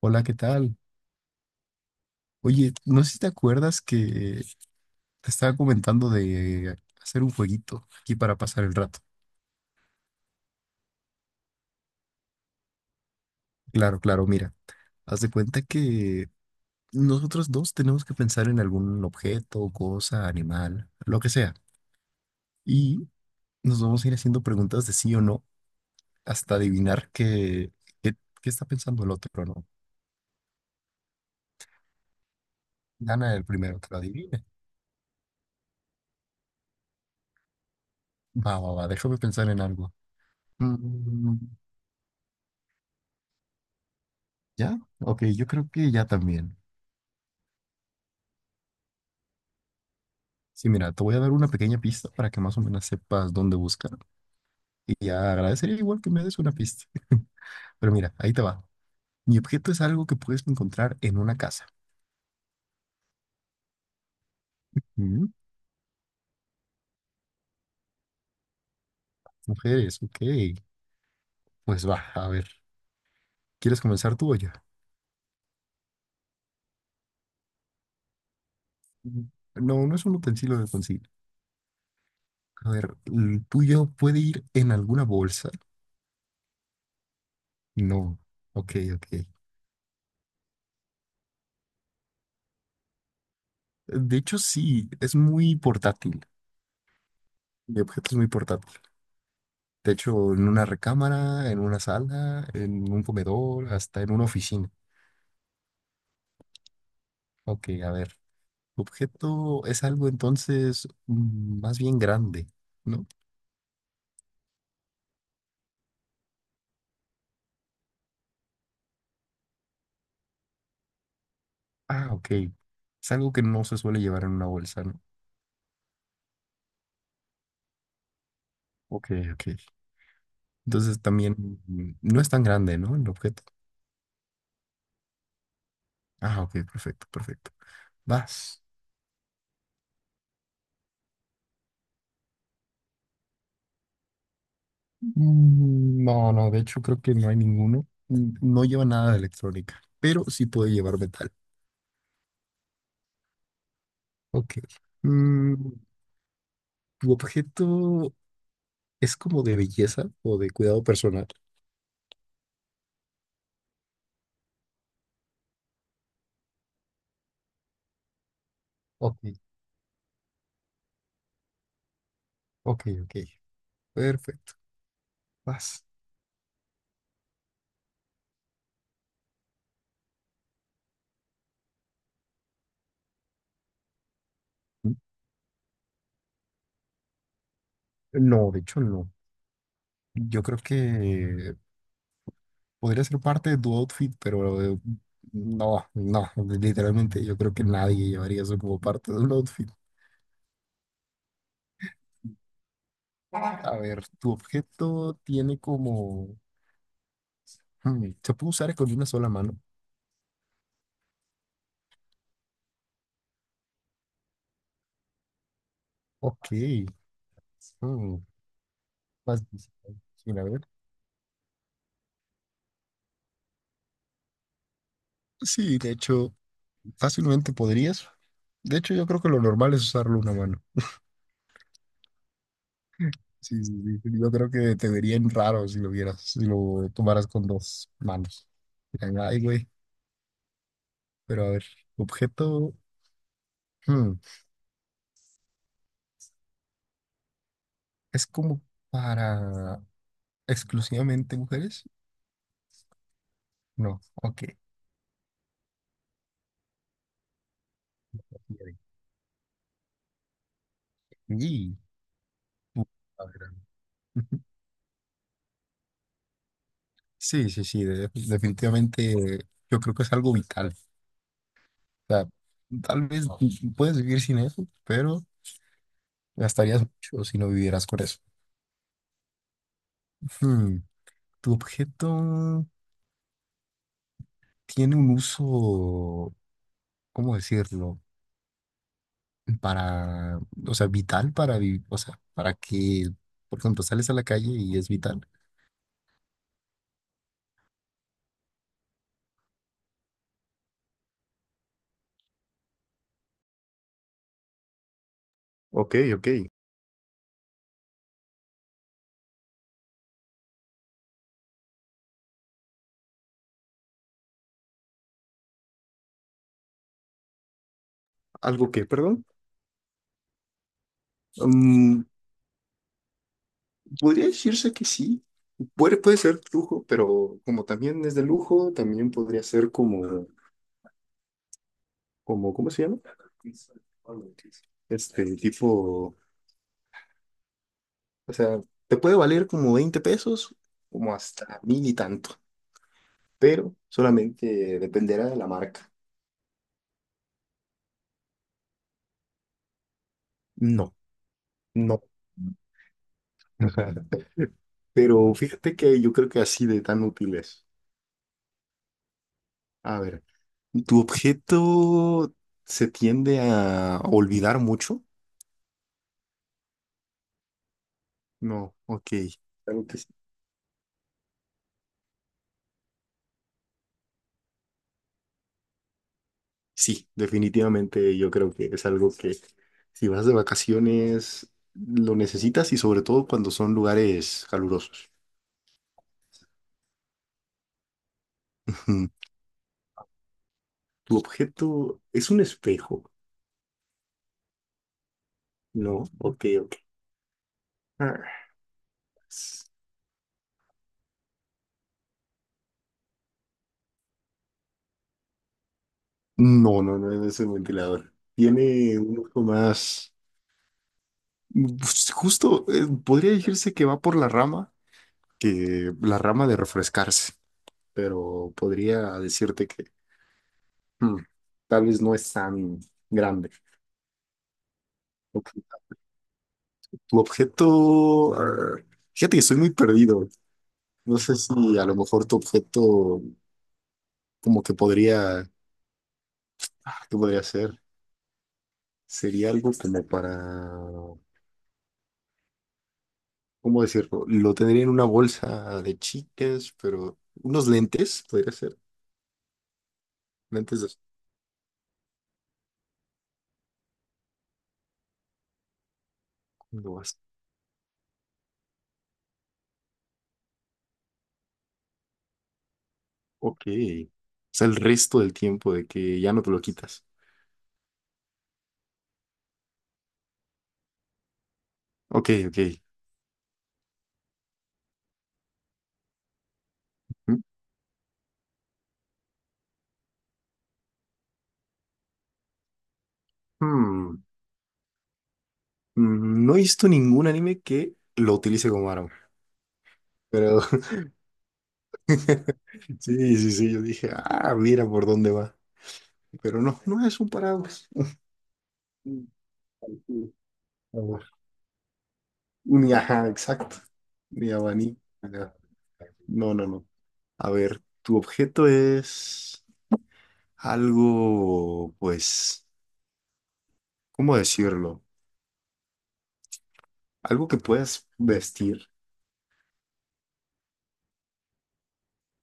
Hola, ¿qué tal? Oye, no sé si te acuerdas que te estaba comentando de hacer un jueguito aquí para pasar el rato. Claro, claro, mira, haz de cuenta que nosotros dos tenemos que pensar en algún objeto, cosa, animal, lo que sea. Y nos vamos a ir haciendo preguntas de sí o no hasta adivinar qué, qué está pensando el otro, ¿no? Gana el primero que lo adivine. Va, va, va, déjame pensar en algo. Mm, ¿Ya? Ok, yo creo que ya también. Sí, mira, te voy a dar una pequeña pista para que más o menos sepas dónde buscar. Y ya agradecería igual que me des una pista. Pero mira, ahí te va. Mi objeto es algo que puedes encontrar en una casa. Mm. Mujeres, ok. Pues va, a ver. ¿Quieres comenzar tú o yo? Mm. No, no es un utensilio de cocina. A ver, ¿el tuyo puede ir en alguna bolsa? No. Ok, ok. De hecho, sí, es muy portátil. Mi objeto es muy portátil. De hecho, en una recámara, en una sala, en un comedor, hasta en una oficina. Ok, a ver. Objeto es algo entonces más bien grande, ¿no? Ah, ok. Es algo que no se suele llevar en una bolsa, ¿no? Ok, ok. Entonces también no es tan grande, ¿no? El objeto. Ah, ok, perfecto, perfecto. Vas. No, no, de hecho creo que no hay ninguno. No lleva nada de electrónica, pero sí puede llevar metal. Ok. Mm, ¿Tu objeto es como de belleza o de cuidado personal? Ok, ok, ok. Perfecto. Vas. No, de hecho no. Yo creo que podría ser parte de tu outfit, pero no, no, literalmente yo creo que nadie llevaría eso como parte de un outfit. A ver, tu objeto tiene como... ¿se puede usar con una sola mano? Ok. hmm, Más difícil. Sí, a ver. Sí, de hecho, fácilmente podrías. De hecho, yo creo que lo normal es usarlo una mano. Sí, sí, sí. Yo creo que te verían raro si lo vieras, si lo tomaras con dos manos. Dirían, ay, güey. Pero a ver, objeto. hmm, ¿Es como para exclusivamente mujeres? No, ok. Y, uh, a ver, a ver. Sí, sí, sí, definitivamente yo creo que es algo vital. O sea, tal vez puedes vivir sin eso, pero gastarías mucho si no vivieras con eso. Hmm, ¿Tu objeto tiene un uso? ¿Cómo decirlo? Para, o sea, vital para vivir, o sea, para que, por ejemplo, sales a la calle y es vital. Ok, ok. ¿Algo que, perdón? Mm, podría decirse que sí. Puede, puede ser lujo, pero como también es de lujo, también podría ser como, como, ¿cómo se llama? Este tipo, o sea, te puede valer como 20 pesos, como hasta mil y tanto, pero solamente dependerá de la marca. No, no. Ajá. Pero fíjate que yo creo que así de tan útiles. A ver, ¿tu objeto se tiende a olvidar mucho? No, ok. Algo que sí. Sí, definitivamente yo creo que es algo que si vas de vacaciones lo necesitas y sobre todo cuando son lugares calurosos. Ujú. ¿Tu objeto es un espejo? No, ok, ok. Ah, s- No, no, no es un ventilador. Tiene un uso más. Pues, justo, podría decirse que va por la rama, que la rama de refrescarse, pero podría decirte que mm, tal vez no es tan grande. Ok. Tu objeto, ar, fíjate que estoy muy perdido. No sé si a lo mejor tu objeto como que podría, ah, ¿qué podría ser? Sería algo como para, ¿cómo decirlo? Lo tendría en una bolsa de chicas, pero unos lentes, podría ser, lentes de... no. Ok. O sea, el resto del tiempo de que ya no te lo quitas. Ok, ok. Mm, mm, No he visto ningún anime que lo utilice como arma. Pero sí, sí, sí, yo dije, ah, mira por dónde va. Pero no, no es un paraguas. Mm, sí. A ver, ni ajá, exacto. Ni abanico. Nada. No, no, no. A ver, tu objeto es algo, pues, ¿cómo decirlo? Algo que puedas vestir,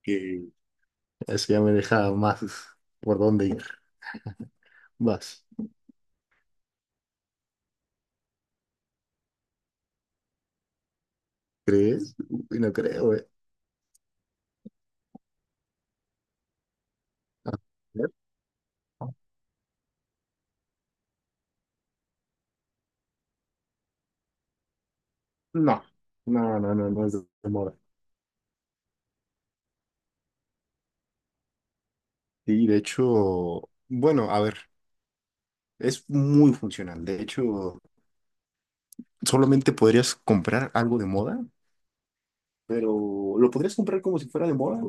que eso ya me deja más por dónde ir. Vas. ¿Crees? Uy, no creo, eh. A ver. No, no, no, no, no es de moda. Y de hecho, bueno, a ver, es muy funcional. De hecho, solamente podrías comprar algo de moda, pero lo podrías comprar como si fuera de moda,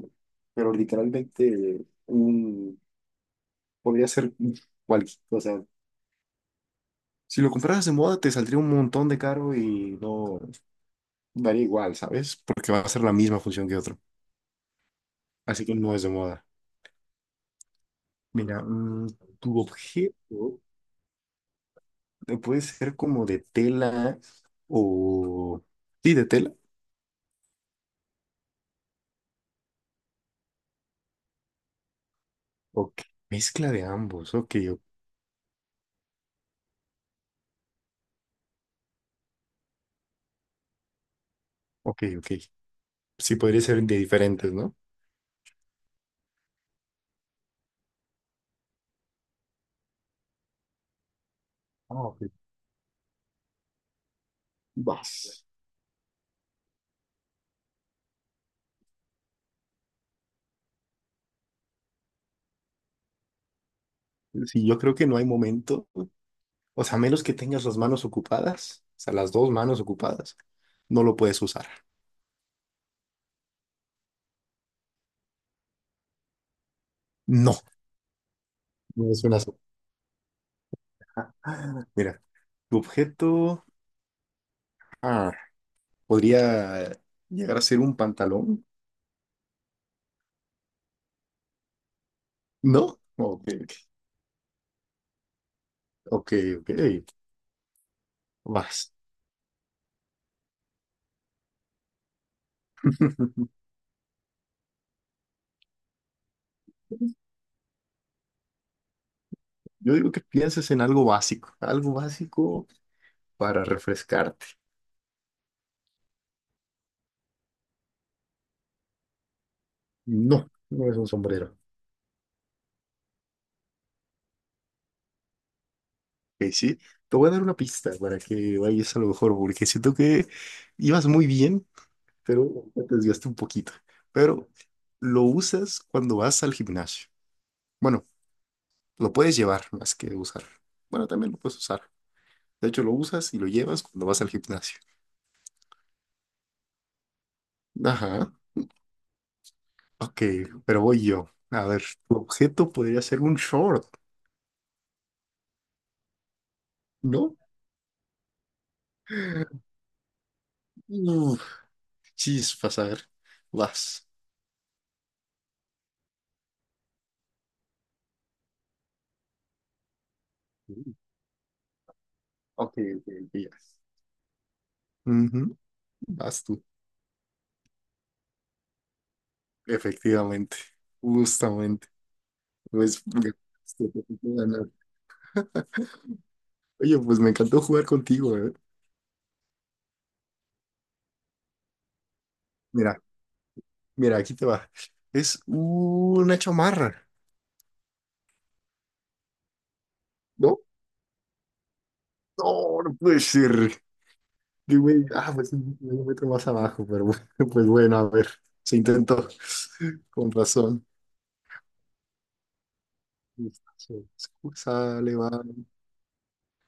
pero literalmente un, podría ser cualquier, o sea, si lo compraras de moda te saldría un montón de caro y no. Daría igual, ¿sabes? Porque va a ser la misma función que otro. Así que no es de moda. Mira, tu objeto puede ser como de tela o... Sí, de tela. Ok. Mezcla de ambos. Ok, o- ok, ok. Sí, podría ser de diferentes, ¿no? Ah, ok. Vas. Sí, yo creo que no hay momento. O sea, a menos que tengas las manos ocupadas, o sea, las dos manos ocupadas, no lo puedes usar. No, no es una sopa. Mira, tu objeto. Ah, podría llegar a ser un pantalón, ¿no? Ok, ok, ok, vas. Yo digo que pienses en algo básico para refrescarte. No, no es un sombrero. Ok, sí, te voy a dar una pista para que vayas a lo mejor, porque siento que ibas muy bien, pero te desviaste un poquito. Pero lo usas cuando vas al gimnasio. Bueno, lo puedes llevar más que usar. Bueno, también lo puedes usar. De hecho, lo usas y lo llevas cuando vas al gimnasio. Ajá. Ok, pero voy yo. A ver, tu objeto podría ser un short, ¿no? Uf, chispas, a ver. Vas. Mm. Ok, ok, ok, ya. Ujú. Vas tú. Efectivamente. Justamente. Pues, porque te tocó ganar. Oye, pues me encantó jugar contigo, ¿eh? Mira, mira, aquí te va. Es una chamarra, ¿no? No, no puede ser. Y, güey, ah, pues un metro más abajo, pero bueno, pues bueno, a ver, se intentó, con razón. Sale, va.